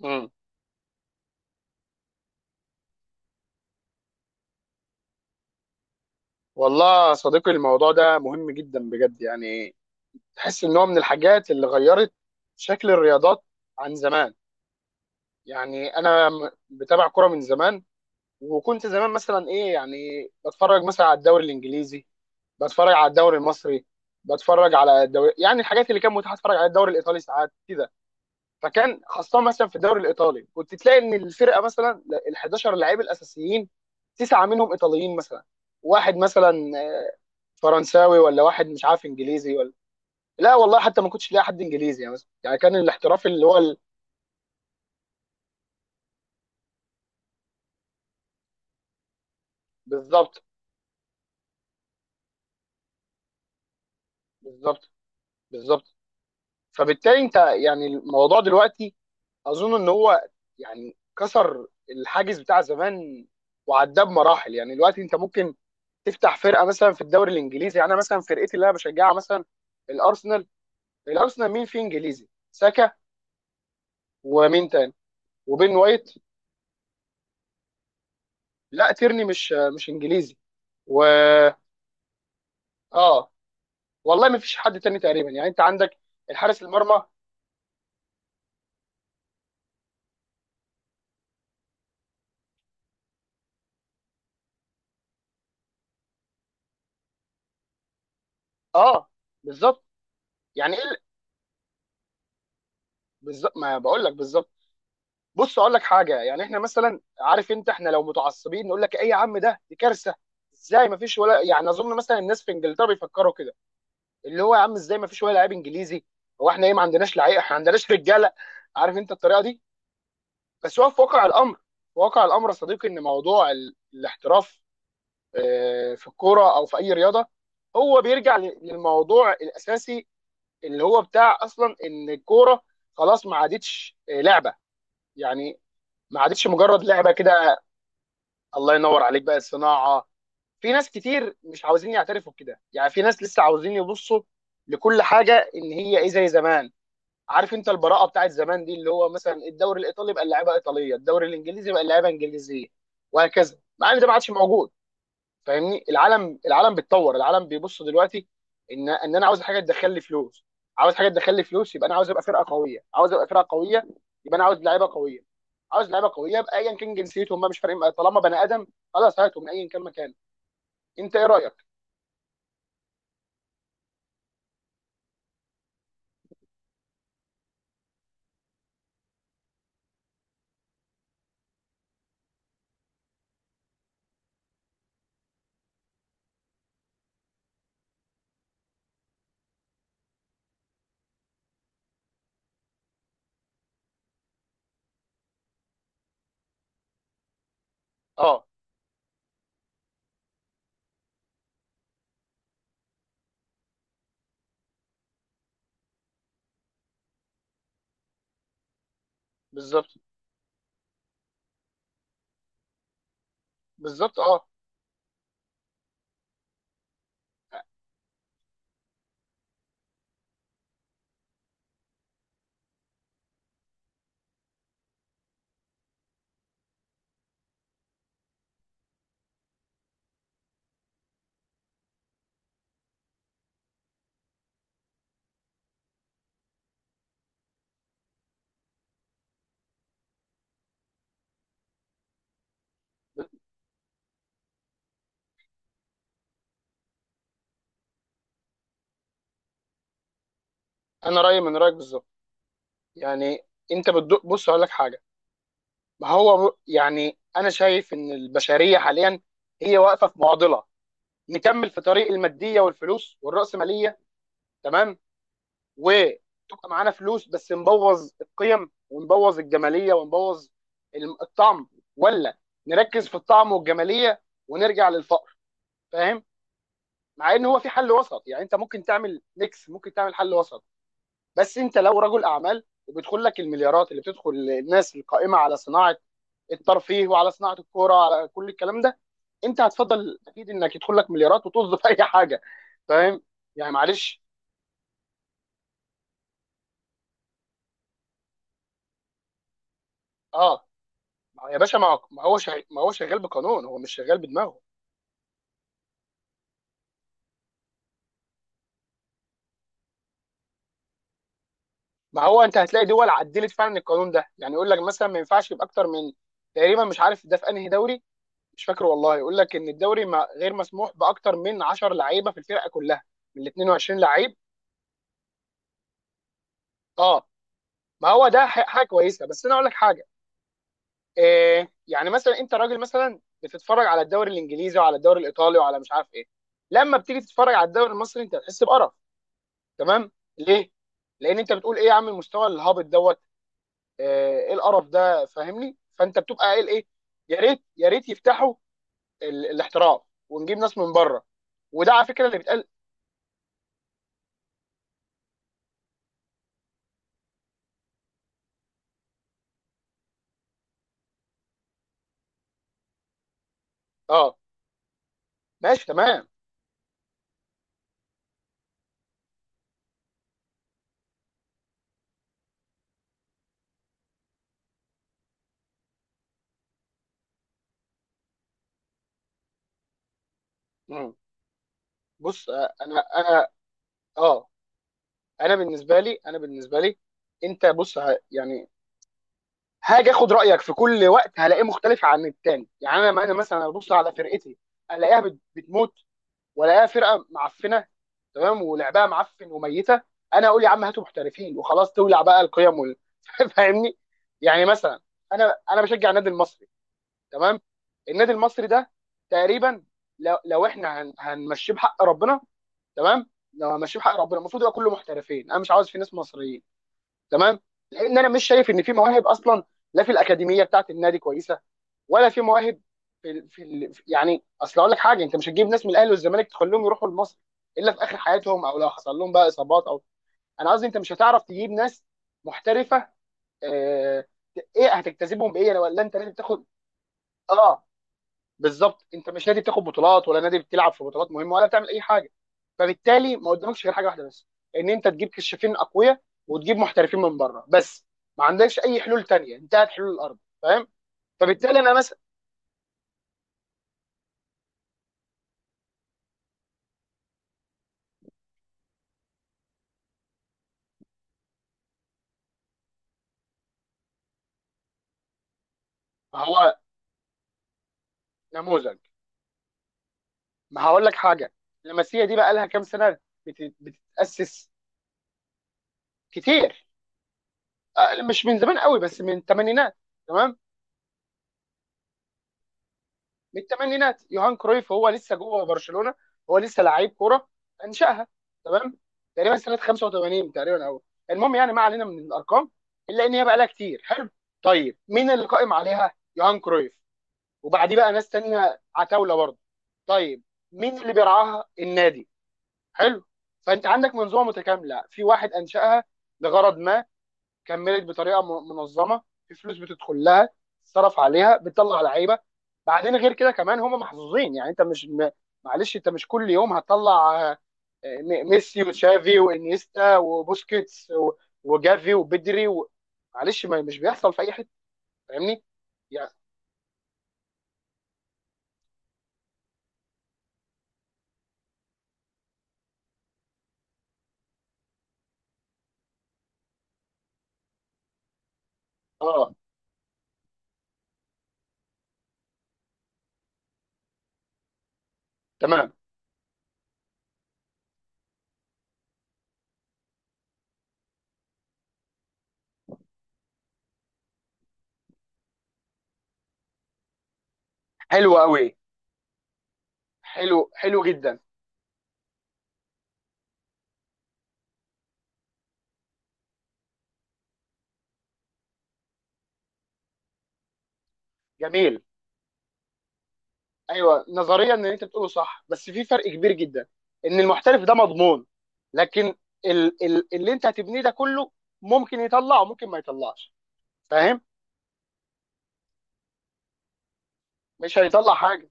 مم. والله يا صديقي الموضوع ده مهم جدا بجد. يعني تحس ان هو من الحاجات اللي غيرت شكل الرياضات عن زمان. يعني انا بتابع كرة من زمان، وكنت زمان مثلا ايه، يعني بتفرج مثلا على الدوري الانجليزي، بتفرج على الدوري المصري، بتفرج على الدوري، يعني الحاجات اللي كان متاح اتفرج على الدوري الايطالي ساعات كده. فكان خاصة مثلا في الدوري الايطالي كنت تلاقي ان الفرقة مثلا ال 11 لعيب الاساسيين تسعة منهم ايطاليين مثلا، واحد مثلا فرنساوي، ولا واحد مش عارف انجليزي، ولا لا والله، حتى ما كنتش لاقي حد انجليزي. يعني مثلا يعني كان الاحتراف اللي هو ال... بالظبط بالظبط بالظبط. فبالتالي انت يعني الموضوع دلوقتي اظن ان هو يعني كسر الحاجز بتاع زمان وعداه بمراحل. يعني دلوقتي انت ممكن تفتح فرقه مثلا في الدوري الانجليزي. يعني انا مثلا فرقتي اللي انا بشجعها مثلا الارسنال، الارسنال مين فيه انجليزي؟ ساكا، ومين تاني؟ وبين وايت. لا تيرني مش انجليزي. و اه، والله ما فيش حد تاني تقريبا. يعني انت عندك الحارس المرمى. اه بالظبط. يعني ايه بالظبط، ما بقول لك بالظبط. بص اقول لك حاجه، يعني احنا مثلا، عارف انت، احنا لو متعصبين نقول لك ايه يا عم، ده دي كارثه، ازاي ما فيش ولا، يعني اظن مثلا الناس في انجلترا بيفكروا كده، اللي هو يا عم ازاي ما فيش ولا لعيب انجليزي؟ هو احنا ايه، ما عندناش لعيبه؟ احنا ما عندناش رجاله؟ عارف انت الطريقه دي. بس هو في واقع الامر، في واقع الامر يا صديقي، ان موضوع الاحتراف في الكوره او في اي رياضه هو بيرجع للموضوع الاساسي، اللي هو بتاع اصلا ان الكوره خلاص ما عادتش لعبه. يعني ما عادتش مجرد لعبه كده. الله ينور عليك بقى الصناعه. في ناس كتير مش عاوزين يعترفوا بكده. يعني في ناس لسه عاوزين يبصوا لكل حاجه ان هي ايه زي زمان. عارف انت البراءه بتاعت زمان دي، اللي هو مثلا الدوري الايطالي بقى اللعيبه ايطاليه، الدوري الانجليزي بقى اللعيبه انجليزيه، وهكذا، مع ان ده ما عادش موجود. فاهمني؟ العالم بيتطور، العالم بيبص دلوقتي ان انا عاوز حاجه تدخل لي فلوس، عاوز حاجه تدخل لي فلوس يبقى انا عاوز ابقى فرقه قويه، عاوز ابقى فرقه قويه يبقى انا عاوز لعيبه قويه، عاوز لعيبه قويه يبقى ايا كان جنسيتهم بقى مش فارق معايا. طالما بني ادم، خلاص هاته من ايا كان مكان. انت ايه رايك؟ اه بالظبط بالظبط. اه انا رايي من رايك بالظبط. يعني انت بتدق، بص اقول لك حاجه. ما هو يعني انا شايف ان البشريه حاليا هي واقفه في معضله: نكمل في طريق الماديه والفلوس والراسماليه، تمام، وتبقى معانا فلوس بس نبوظ القيم ونبوظ الجماليه ونبوظ الطعم، ولا نركز في الطعم والجماليه ونرجع للفقر؟ فاهم؟ مع ان هو في حل وسط. يعني انت ممكن تعمل ميكس، ممكن تعمل حل وسط. بس انت لو رجل اعمال، وبيدخل لك المليارات اللي بتدخل الناس القائمه على صناعه الترفيه وعلى صناعه الكوره، على كل الكلام ده، انت هتفضل اكيد انك يدخل لك مليارات وطز في اي حاجه. فاهم؟ يعني معلش. اه ما هو يا باشا، ما هو، ما هو شغال بقانون، هو مش شغال بدماغه. ما هو انت هتلاقي دول عدلت فعلا القانون ده. يعني يقول لك مثلا ما ينفعش يبقى اكتر من، تقريبا مش عارف ده في انهي دوري، مش فاكر والله، يقول لك ان الدوري ما... غير مسموح باكتر من 10 لعيبه في الفرقه كلها من 22 لعيب. اه ما هو ده حاجه كويسه. بس انا اقول لك حاجه. إيه يعني مثلا انت راجل مثلا بتتفرج على الدوري الانجليزي وعلى الدوري الايطالي وعلى مش عارف ايه، لما بتيجي تتفرج على الدوري المصري انت هتحس بقرف. تمام؟ ليه؟ لان انت بتقول ايه يا عم، المستوى الهابط دوت آه، ايه القرف ده؟ فاهمني؟ فانت بتبقى قايل ايه؟ يا ريت، يا ريت يفتحوا الاحتراف ونجيب ناس من بره. وده على فكره اللي بيتقال. اه ماشي تمام. مم. بص آه، انا، اه انا بالنسبه لي، انا بالنسبه لي، انت بص يعني هاجي اخد رايك في كل وقت هلاقيه مختلف عن التاني. يعني انا مثلا ابص على فرقتي، الاقيها بتموت، ولاقيها فرقه معفنه، تمام، ولعبها معفن وميته. انا اقول يا عم هاتوا محترفين وخلاص، تولع بقى القيم وال... فاهمني؟ يعني مثلا، انا بشجع النادي المصري، تمام. النادي المصري ده تقريبا لو, لو هنمشيه بحق ربنا، تمام، لو هنمشيه بحق ربنا المفروض يبقى كله محترفين، انا مش عاوز في ناس مصريين، تمام، لان انا مش شايف ان في مواهب اصلا. لا في الاكاديميه بتاعت النادي كويسه ولا في مواهب يعني اصل اقول لك حاجه، انت مش هتجيب ناس من الاهلي والزمالك تخليهم يروحوا لمصر الا في اخر حياتهم او لو حصل لهم بقى اصابات او، انا قصدي انت مش هتعرف تجيب ناس محترفه. آه... ايه، هتجتذبهم بايه؟ ولا انت نادي بتاخد؟ اه بالظبط، انت مش نادي بتاخد بطولات، ولا نادي بتلعب في بطولات مهمه، ولا بتعمل اي حاجه. فبالتالي ما قدامكش غير حاجه واحده بس، ان انت تجيب كشافين اقوياء وتجيب محترفين من بره بس. ما عندكش اي حلول تانية، انتهت حلول الارض. فاهم؟ فبالتالي انا مثلا، هو نموذج. ما هقول لك حاجه، اللمسيه دي بقى لها كام سنه بتتاسس؟ كتير. آه، مش من زمان قوي بس من الثمانينات، تمام، من الثمانينات، يوهان كرويف هو لسه جوه برشلونه، هو لسه لعيب كوره، انشاها، تمام. تقريبا سنه 85 تقريبا او، المهم يعني ما علينا من الارقام الا ان هي بقى لها كتير، حلو. طيب مين اللي قائم عليها؟ يوهان كرويف، وبعديه بقى ناس تانية عتاوله برضه. طيب مين اللي بيرعاها؟ النادي. حلو. فانت عندك منظومه متكامله، في واحد انشاها لغرض ما، كملت بطريقه منظمه، في فلوس بتدخل لها، تصرف عليها، بتطلع لعيبه. بعدين غير كده كمان هم محظوظين. يعني انت مش معلش، انت مش كل يوم هتطلع آه، ميسي وتشافي وانيستا وبوسكيتس و وجافي وبدري و... معلش، ما مش بيحصل في اي حته. فاهمني؟ يعني اه تمام. حلو قوي، حلو حلو جدا. جميل. ايوه نظريا ان انت بتقوله صح، بس في فرق كبير جدا ان المحترف ده مضمون، لكن ال اللي انت هتبنيه ده كله ممكن يطلع وممكن ما يطلعش. فاهم؟ مش هيطلع حاجه،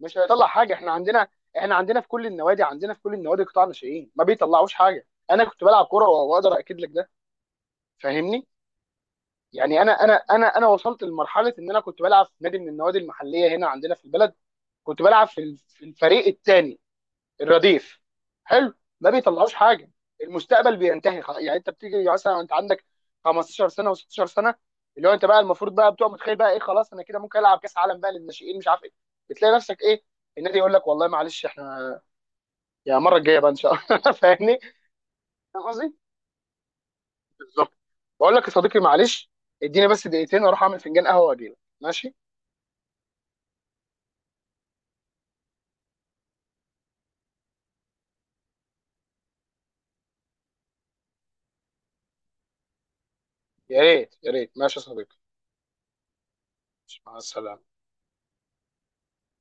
مش هيطلع حاجه. احنا عندنا، احنا عندنا في كل النوادي، عندنا في كل النوادي قطاع ناشئين ما بيطلعوش حاجه. انا كنت بلعب كوره واقدر اكد لك ده. فاهمني؟ يعني انا وصلت لمرحله ان انا كنت بلعب في نادي من النوادي المحليه هنا عندنا في البلد، كنت بلعب في في الفريق الثاني، الرديف، حلو. ما بيطلعوش حاجه، المستقبل بينتهي خلاص. يعني انت بتيجي مثلا، انت عندك 15 سنه و16 سنه، اللي هو انت بقى المفروض بقى بتبقى متخيل بقى ايه، خلاص انا كده ممكن العب كاس عالم بقى للناشئين مش عارف ايه، بتلاقي نفسك ايه، النادي يقول لك والله معلش احنا، يا المره الجايه بقى ان شاء الله. فاهمني؟ فاهم قصدي؟ بالظبط. بقول لك يا صديقي، معلش، اديني بس دقيقتين اروح اعمل فنجان قهوه واجي لك، ماشي؟ يا ريت، يا ريت، ماشي يا صديقي. مع السلامه.